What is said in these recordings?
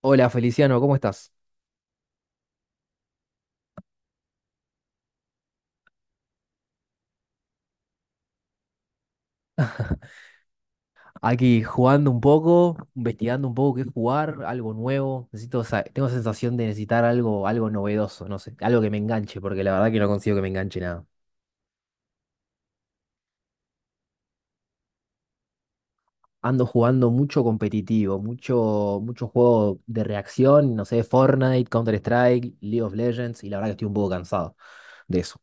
Hola Feliciano, ¿cómo estás? Aquí jugando un poco, investigando un poco qué jugar, algo nuevo. Necesito, tengo sensación de necesitar algo, algo novedoso, no sé, algo que me enganche, porque la verdad que no consigo que me enganche nada. Ando jugando mucho competitivo, mucho juego de reacción, no sé, Fortnite, Counter-Strike, League of Legends, y la verdad que estoy un poco cansado de eso.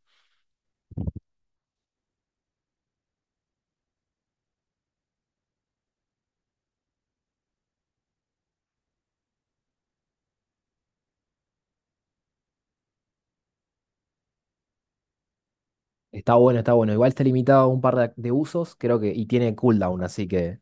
Está bueno, está bueno. Igual está limitado a un par de usos, creo que, y tiene cooldown, así que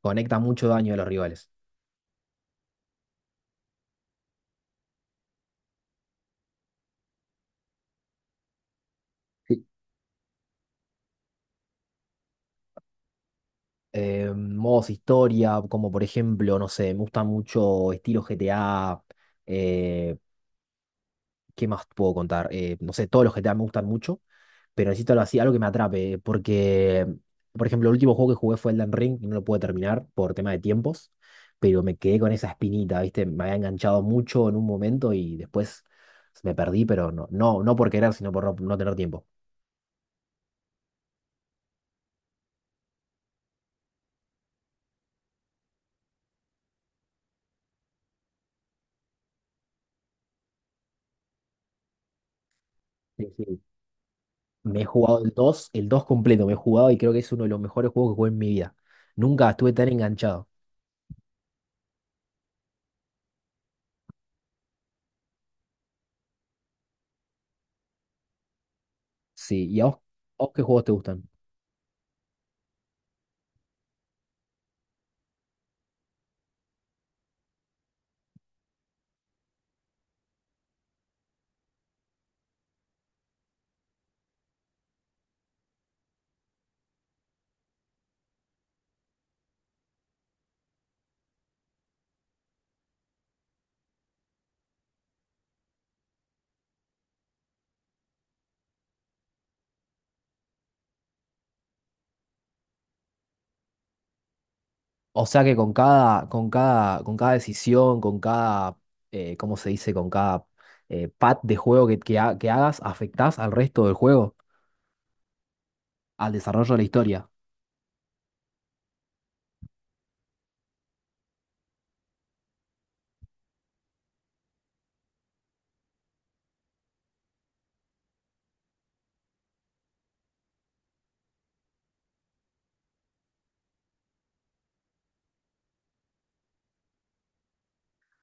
conecta mucho daño a los rivales. Modos historia, como por ejemplo, no sé, me gusta mucho estilo GTA. eh, ¿Qué más puedo contar? No sé, todos los GTA me gustan mucho, pero necesito algo así, algo que me atrape, porque, por ejemplo, el último juego que jugué fue Elden Ring, y no lo pude terminar por tema de tiempos, pero me quedé con esa espinita, ¿viste? Me había enganchado mucho en un momento y después me perdí, pero no por querer, sino por no, no tener tiempo. Sí, sí. Me he jugado el dos completo, me he jugado y creo que es uno de los mejores juegos que jugué en mi vida. Nunca estuve tan enganchado. Sí, ¿y a vos qué juegos te gustan? O sea que con cada decisión, con cada, ¿cómo se dice? Con cada pad de juego que hagas, afectás al resto del juego, al desarrollo de la historia.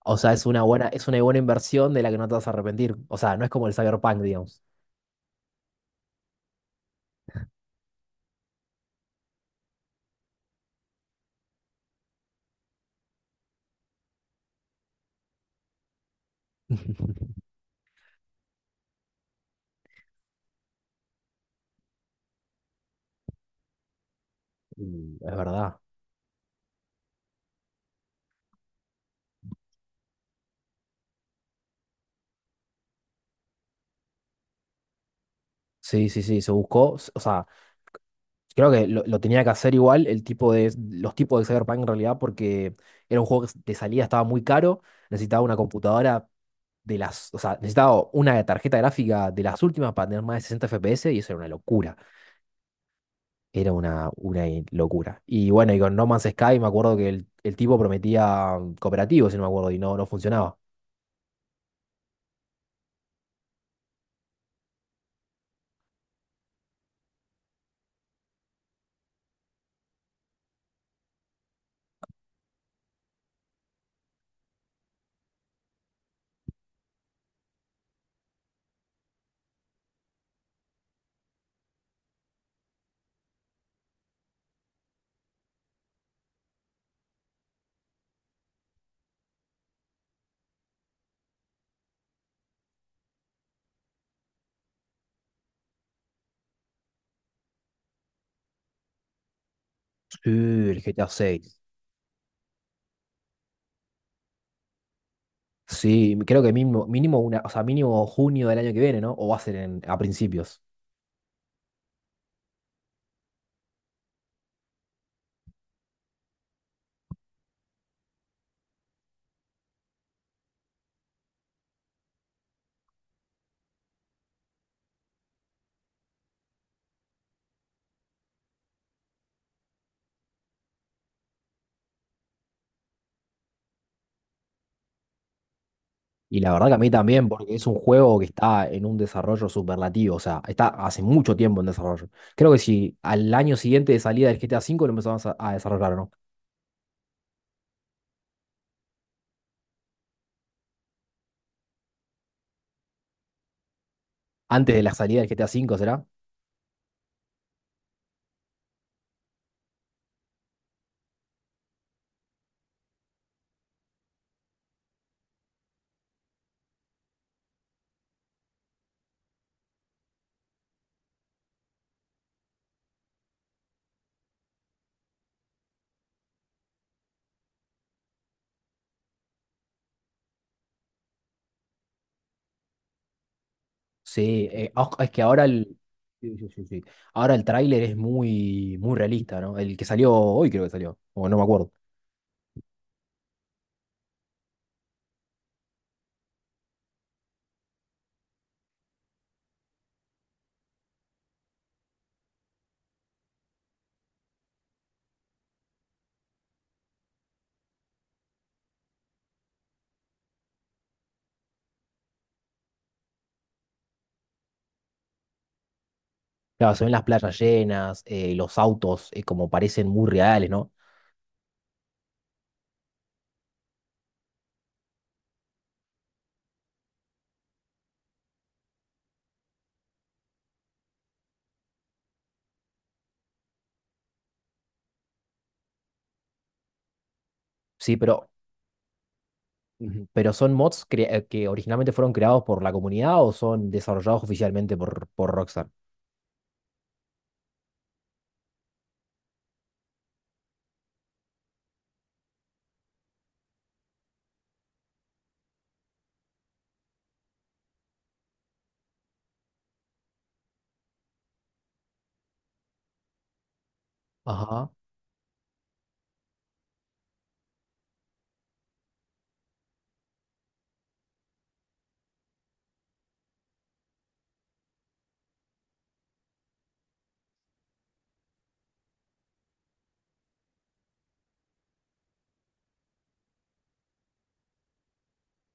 O sea, es una buena inversión de la que no te vas a arrepentir. O sea, no es como el Cyberpunk, digamos. Y es verdad. Sí, sí, sí, se buscó, o sea. Creo que lo tenía que hacer igual el tipo de, los tipos de Cyberpunk en realidad porque era un juego que de salida estaba muy caro, necesitaba una computadora de las, o sea, necesitaba una tarjeta gráfica de las últimas para tener más de 60 FPS y eso era una locura, era una locura. Y bueno, y con No Man's Sky me acuerdo que el tipo prometía cooperativo, si no me acuerdo, y no, no funcionaba. Sí, el GTA 6. Sí, creo que mínimo, mínimo una, o sea, mínimo junio del año que viene, ¿no? O va a ser a principios. Y la verdad que a mí también, porque es un juego que está en un desarrollo superlativo, o sea, está hace mucho tiempo en desarrollo. Creo que si al año siguiente de salida del GTA 5 V lo empezamos a desarrollar, ¿o ¿no? Antes de la salida del GTA 5 V, ¿será? Sí, es que ahora el, sí, sí, sí, sí. Ahora el tráiler es muy, muy realista, ¿no? El que salió hoy creo que salió, o no me acuerdo. Claro, se ven las playas llenas, los autos como parecen muy reales, ¿no? Sí, pero ujú. ¿Pero son mods que originalmente fueron creados por la comunidad o son desarrollados oficialmente por Rockstar? Ajá.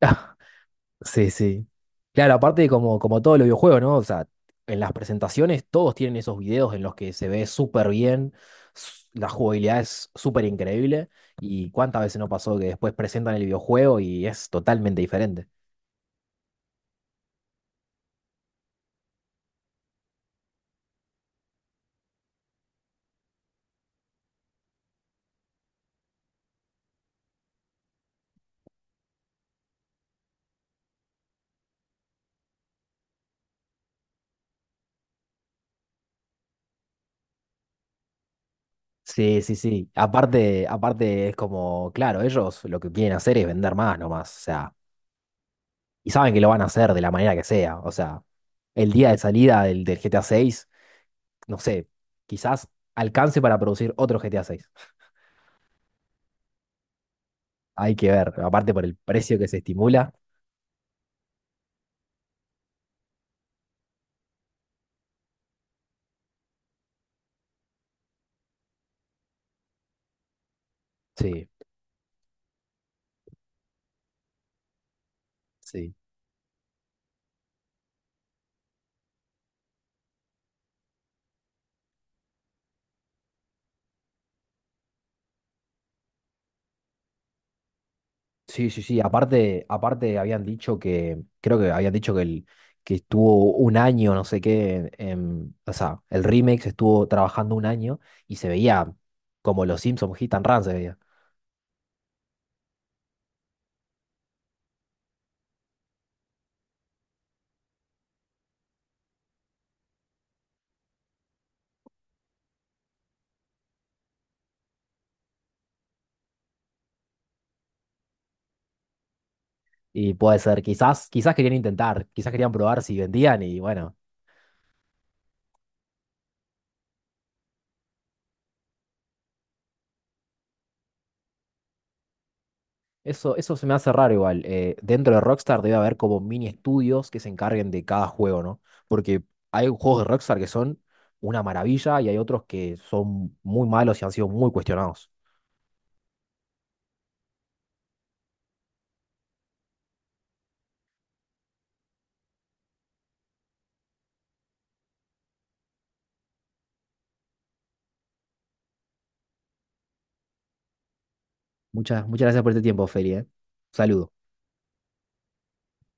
Sí, sí. Claro, aparte como, como todos los videojuegos, ¿no? O sea, en las presentaciones todos tienen esos videos en los que se ve súper bien, la jugabilidad es súper increíble y cuántas veces no pasó que después presentan el videojuego y es totalmente diferente. Sí, sí, sí. Aparte, aparte es como, claro, ellos lo que quieren hacer es vender más nomás. O sea, y saben que lo van a hacer de la manera que sea. O sea, el día de salida del G T A seis no sé, quizás alcance para producir otro G T A seis. Hay que ver, aparte por el precio que se estimula. Sí, sí. Sí, sí, sí. Aparte, aparte habían dicho que, creo que habían dicho que, el, que estuvo un año, no sé qué, o sea, el remake se estuvo trabajando un año y se veía como los Simpsons Hit and Run se veía. Y puede ser, quizás, quizás querían intentar, quizás querían probar si vendían y bueno, eso se me hace raro igual. Dentro de Rockstar debe haber como mini estudios que se encarguen de cada juego, ¿no? Porque hay juegos de Rockstar que son una maravilla y hay otros que son muy malos y han sido muy cuestionados. Muchas, muchas gracias por este tiempo, Feli, ¿eh? Saludos.